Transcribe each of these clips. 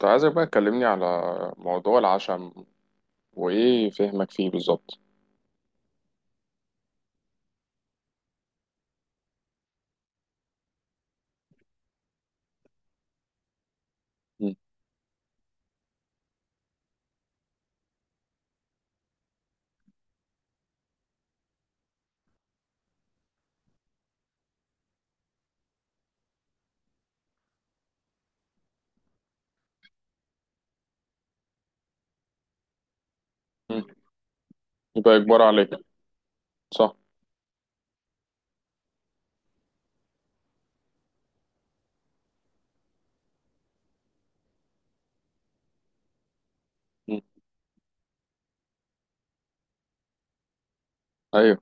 كنت عايزك بقى تكلمني على موضوع العشم، وإيه فهمك فيه بالظبط. مم. مم. يبقى إجبار عليك. صح. مم. أيوه.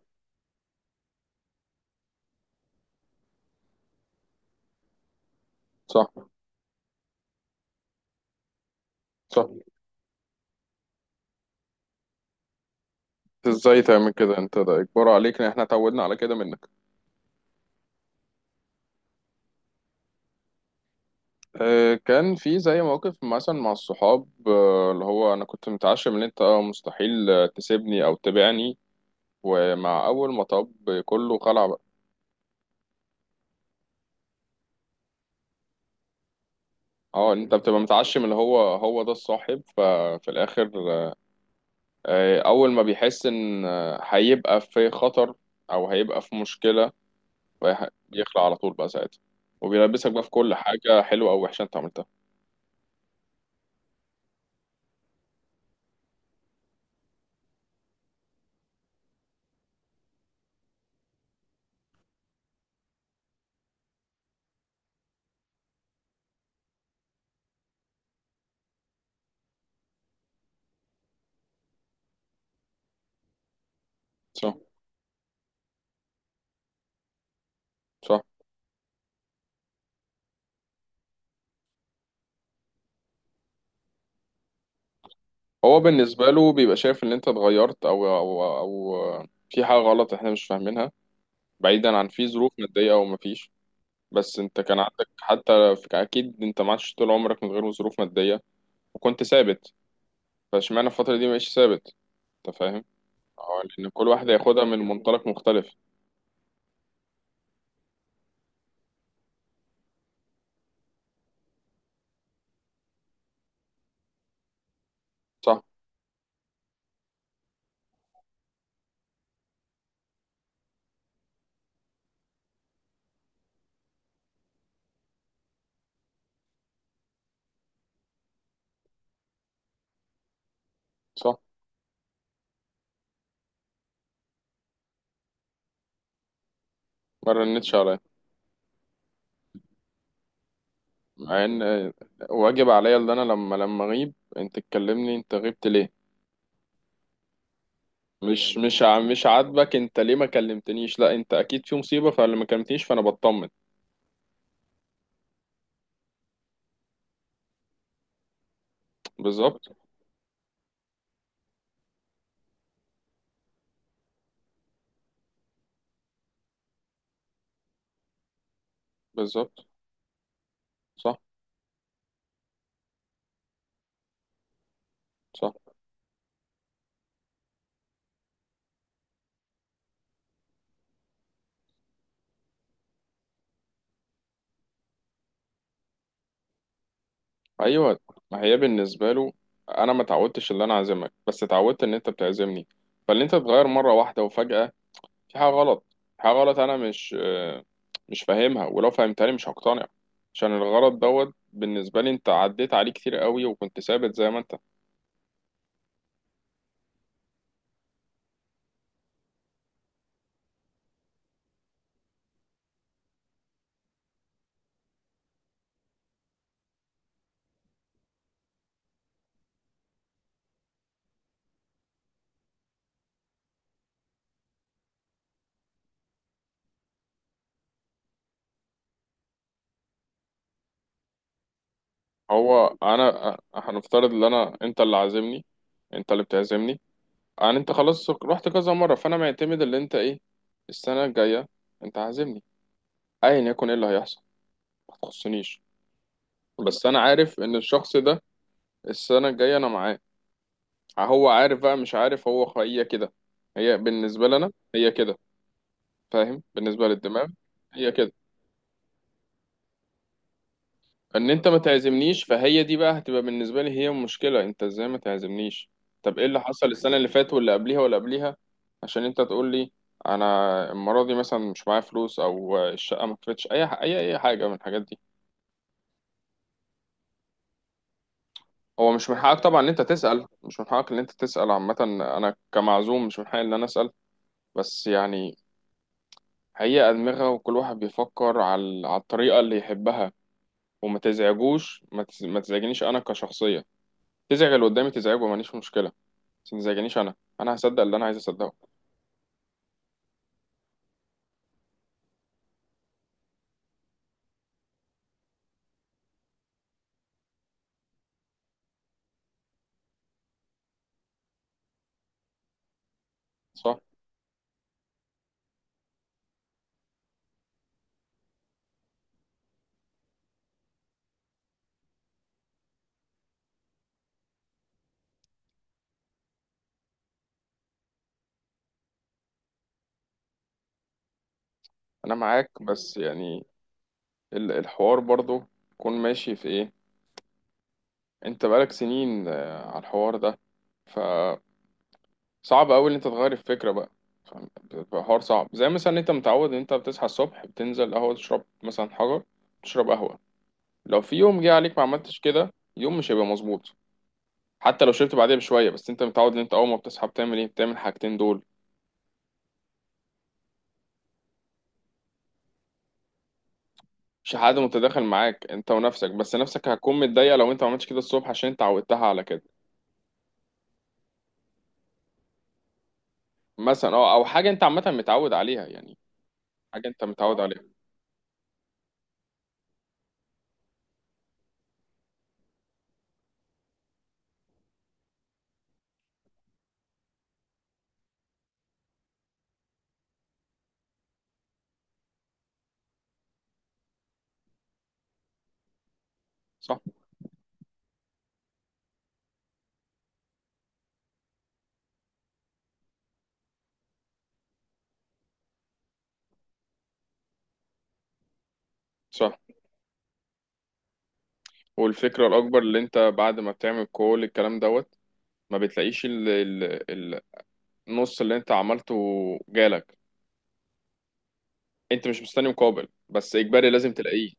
صح. صح، إزاي تعمل كده؟ أنت ده إجبار عليك، إن إحنا اتعودنا على كده منك. آه، كان في زي موقف مثلا مع الصحاب، اللي هو أنا كنت متعشم إن أنت مستحيل تسيبني أو تبيعني. ومع أول مطب كله خلع بقى. اه، انت بتبقى متعشم اللي هو ده الصاحب، ففي الاخر أول ما بيحس إن هيبقى في خطر أو هيبقى في مشكلة، بيخلع على طول بقى ساعتها. وبيلبسك بقى في كل حاجة حلوة أو وحشة أنت عملتها. صح. صح. هو بالنسبة له بيبقى شايف إن أنت اتغيرت أو في حاجة غلط إحنا مش فاهمينها. بعيدا عن في ظروف مادية أو مفيش، بس أنت كان عندك حتى أكيد أنت ما عادش طول عمرك من غير ظروف مادية، وكنت ثابت. فاشمعنى الفترة دي مبقتش ثابت؟ أنت فاهم؟ أه، لأن كل واحد هياخدها من منطلق مختلف. صح. صح. ما رنتش عليا. مع ان واجب عليا، اللي انا لما اغيب انت تكلمني، انت غبت ليه؟ مش عاجبك انت ليه ما كلمتنيش؟ لا، انت اكيد في مصيبه، فاللي ما كلمتنيش فانا بطمن. بالظبط. بالظبط. صح. صح. ايوه. ما هي بالنسبه له، انا ما تعودتش ان انا اعزمك، بس اتعودت ان انت بتعزمني. فاللي انت تتغير مره واحده وفجاه، في حاجة غلط. في حاجة غلط أنا مش مش فاهمها، ولو فهمتها لي مش هقتنع. عشان الغلط دوت بالنسبة لي أنت عديت عليه كتير قوي، وكنت ثابت زي ما أنت. هو أنا هنفترض إن أنت اللي عازمني. أنت اللي بتعزمني. أنا أنت خلاص رحت كذا مرة، فأنا معتمد اللي أنت إيه. السنة الجاية أنت عازمني، أيا يكن إيه اللي هيحصل، ما تخصنيش. بس أنا عارف إن الشخص ده السنة الجاية أنا معاه. هو عارف بقى، مش عارف، هو هي كده. هي بالنسبة لنا هي كده. فاهم؟ بالنسبة للدماغ هي كده. ان انت ما تعزمنيش، فهي دي بقى هتبقى بالنسبة لي هي مشكلة، انت ازاي ما تعزمنيش؟ طب ايه اللي حصل السنة اللي فاتت واللي قبليها واللي قبليها؟ عشان انت تقول لي انا المرة دي مثلا مش معايا فلوس، او الشقة ما كفتش اي اي حاجة من الحاجات دي. هو مش من حقك طبعا ان انت تسأل، مش من حقك ان انت تسأل. عامة انا كمعزوم مش من حقي ان انا اسأل، بس يعني هي أدمغة، وكل واحد بيفكر على الطريقة اللي يحبها. وما تزعجوش ما تز- ما تزعجنيش انا كشخصية. تزعج اللي قدامي تزعجه، ماليش مشكلة، بس ما تزعجنيش أنا. أنا هصدق اللي أنا عايز أصدقه. صح. أنا معاك، بس يعني الحوار برضو يكون ماشي في إيه، أنت بقالك سنين على الحوار ده، فصعب أوي إن أنت تغير الفكرة بقى. فاهم؟ بيبقى حوار صعب. زي مثلا أنت متعود إن أنت بتصحى الصبح بتنزل قهوة تشرب مثلا حجر، تشرب قهوة. لو في يوم جه عليك ما عملتش كده، يوم مش هيبقى مظبوط. حتى لو شربت بعدها بشوية، بس أنت متعود إن أنت أول ما بتصحى بتعمل إيه، بتعمل الحاجتين دول. مش حد متداخل معاك، انت ونفسك. بس نفسك هتكون متضايقه لو انت ما عملتش كده الصبح، عشان انت عودتها على كده. مثلا اه، او حاجه انت عامه متعود عليها يعني. حاجه انت متعود عليها. صح. صح. والفكره الاكبر اللي انت بعد ما بتعمل كل الكلام دوت، ما بتلاقيش ال... النص اللي انت عملته جالك. انت مش مستني مقابل، بس اجباري لازم تلاقيه.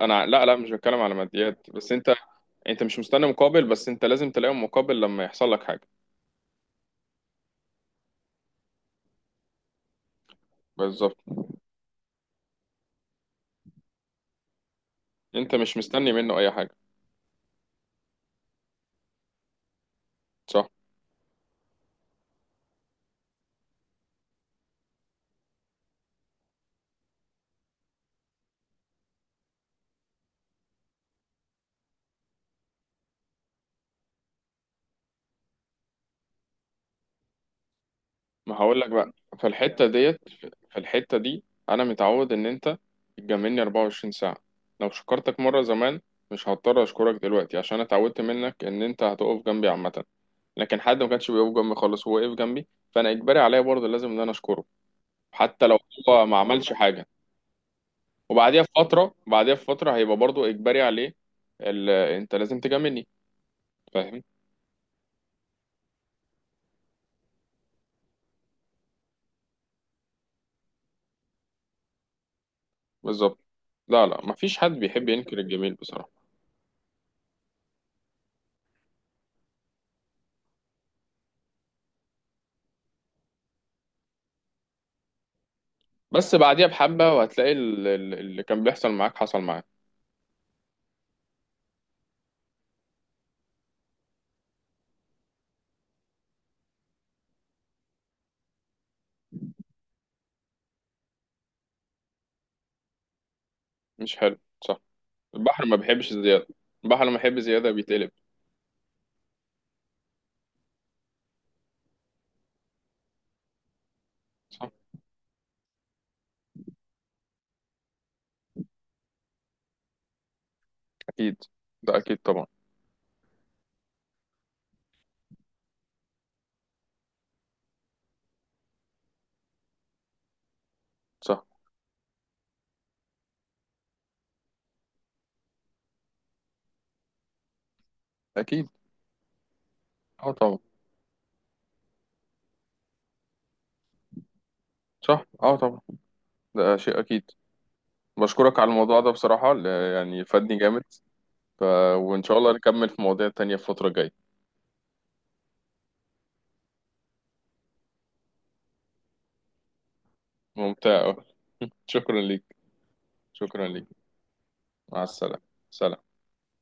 انا لا مش بتكلم على ماديات، بس انت، انت مش مستني مقابل، بس انت لازم تلاقي مقابل لما يحصل لك حاجه. بالظبط. انت مش مستني منه اي حاجه. صح. ما هقول لك بقى، في الحتة ديت، في الحتة دي، انا متعود ان انت تجاملني 24 ساعة. لو شكرتك مرة زمان مش هضطر اشكرك دلوقتي، عشان أنا اتعودت منك ان انت هتقف جنبي عامة. لكن حد ما كانش بيقف جنبي خالص هو وقف جنبي، فانا اجباري عليا برضه لازم ان انا اشكره، حتى لو هو ما عملش حاجة. وبعديها بفترة، بعديها بفترة هيبقى برضه اجباري عليه انت لازم تجاملني. فاهم؟ بالظبط. لا مفيش حد بيحب ينكر الجميل بصراحة. بس بعديها بحبة وهتلاقي اللي كان بيحصل معاك حصل معاك. مش حلو. صح. البحر ما بيحبش الزيادة، البحر لما يحب زيادة بيتقلب. صح. أكيد. ده أكيد طبعا. صح. أكيد. أه طبعا. صح. أه طبعا، ده شيء أكيد. بشكرك على الموضوع ده بصراحة، يعني فادني جامد. ف... وإن شاء الله نكمل في مواضيع تانية في الفترة الجاية. ممتع أوي. شكرا ليك. شكرا ليك. مع السلامة. سلام.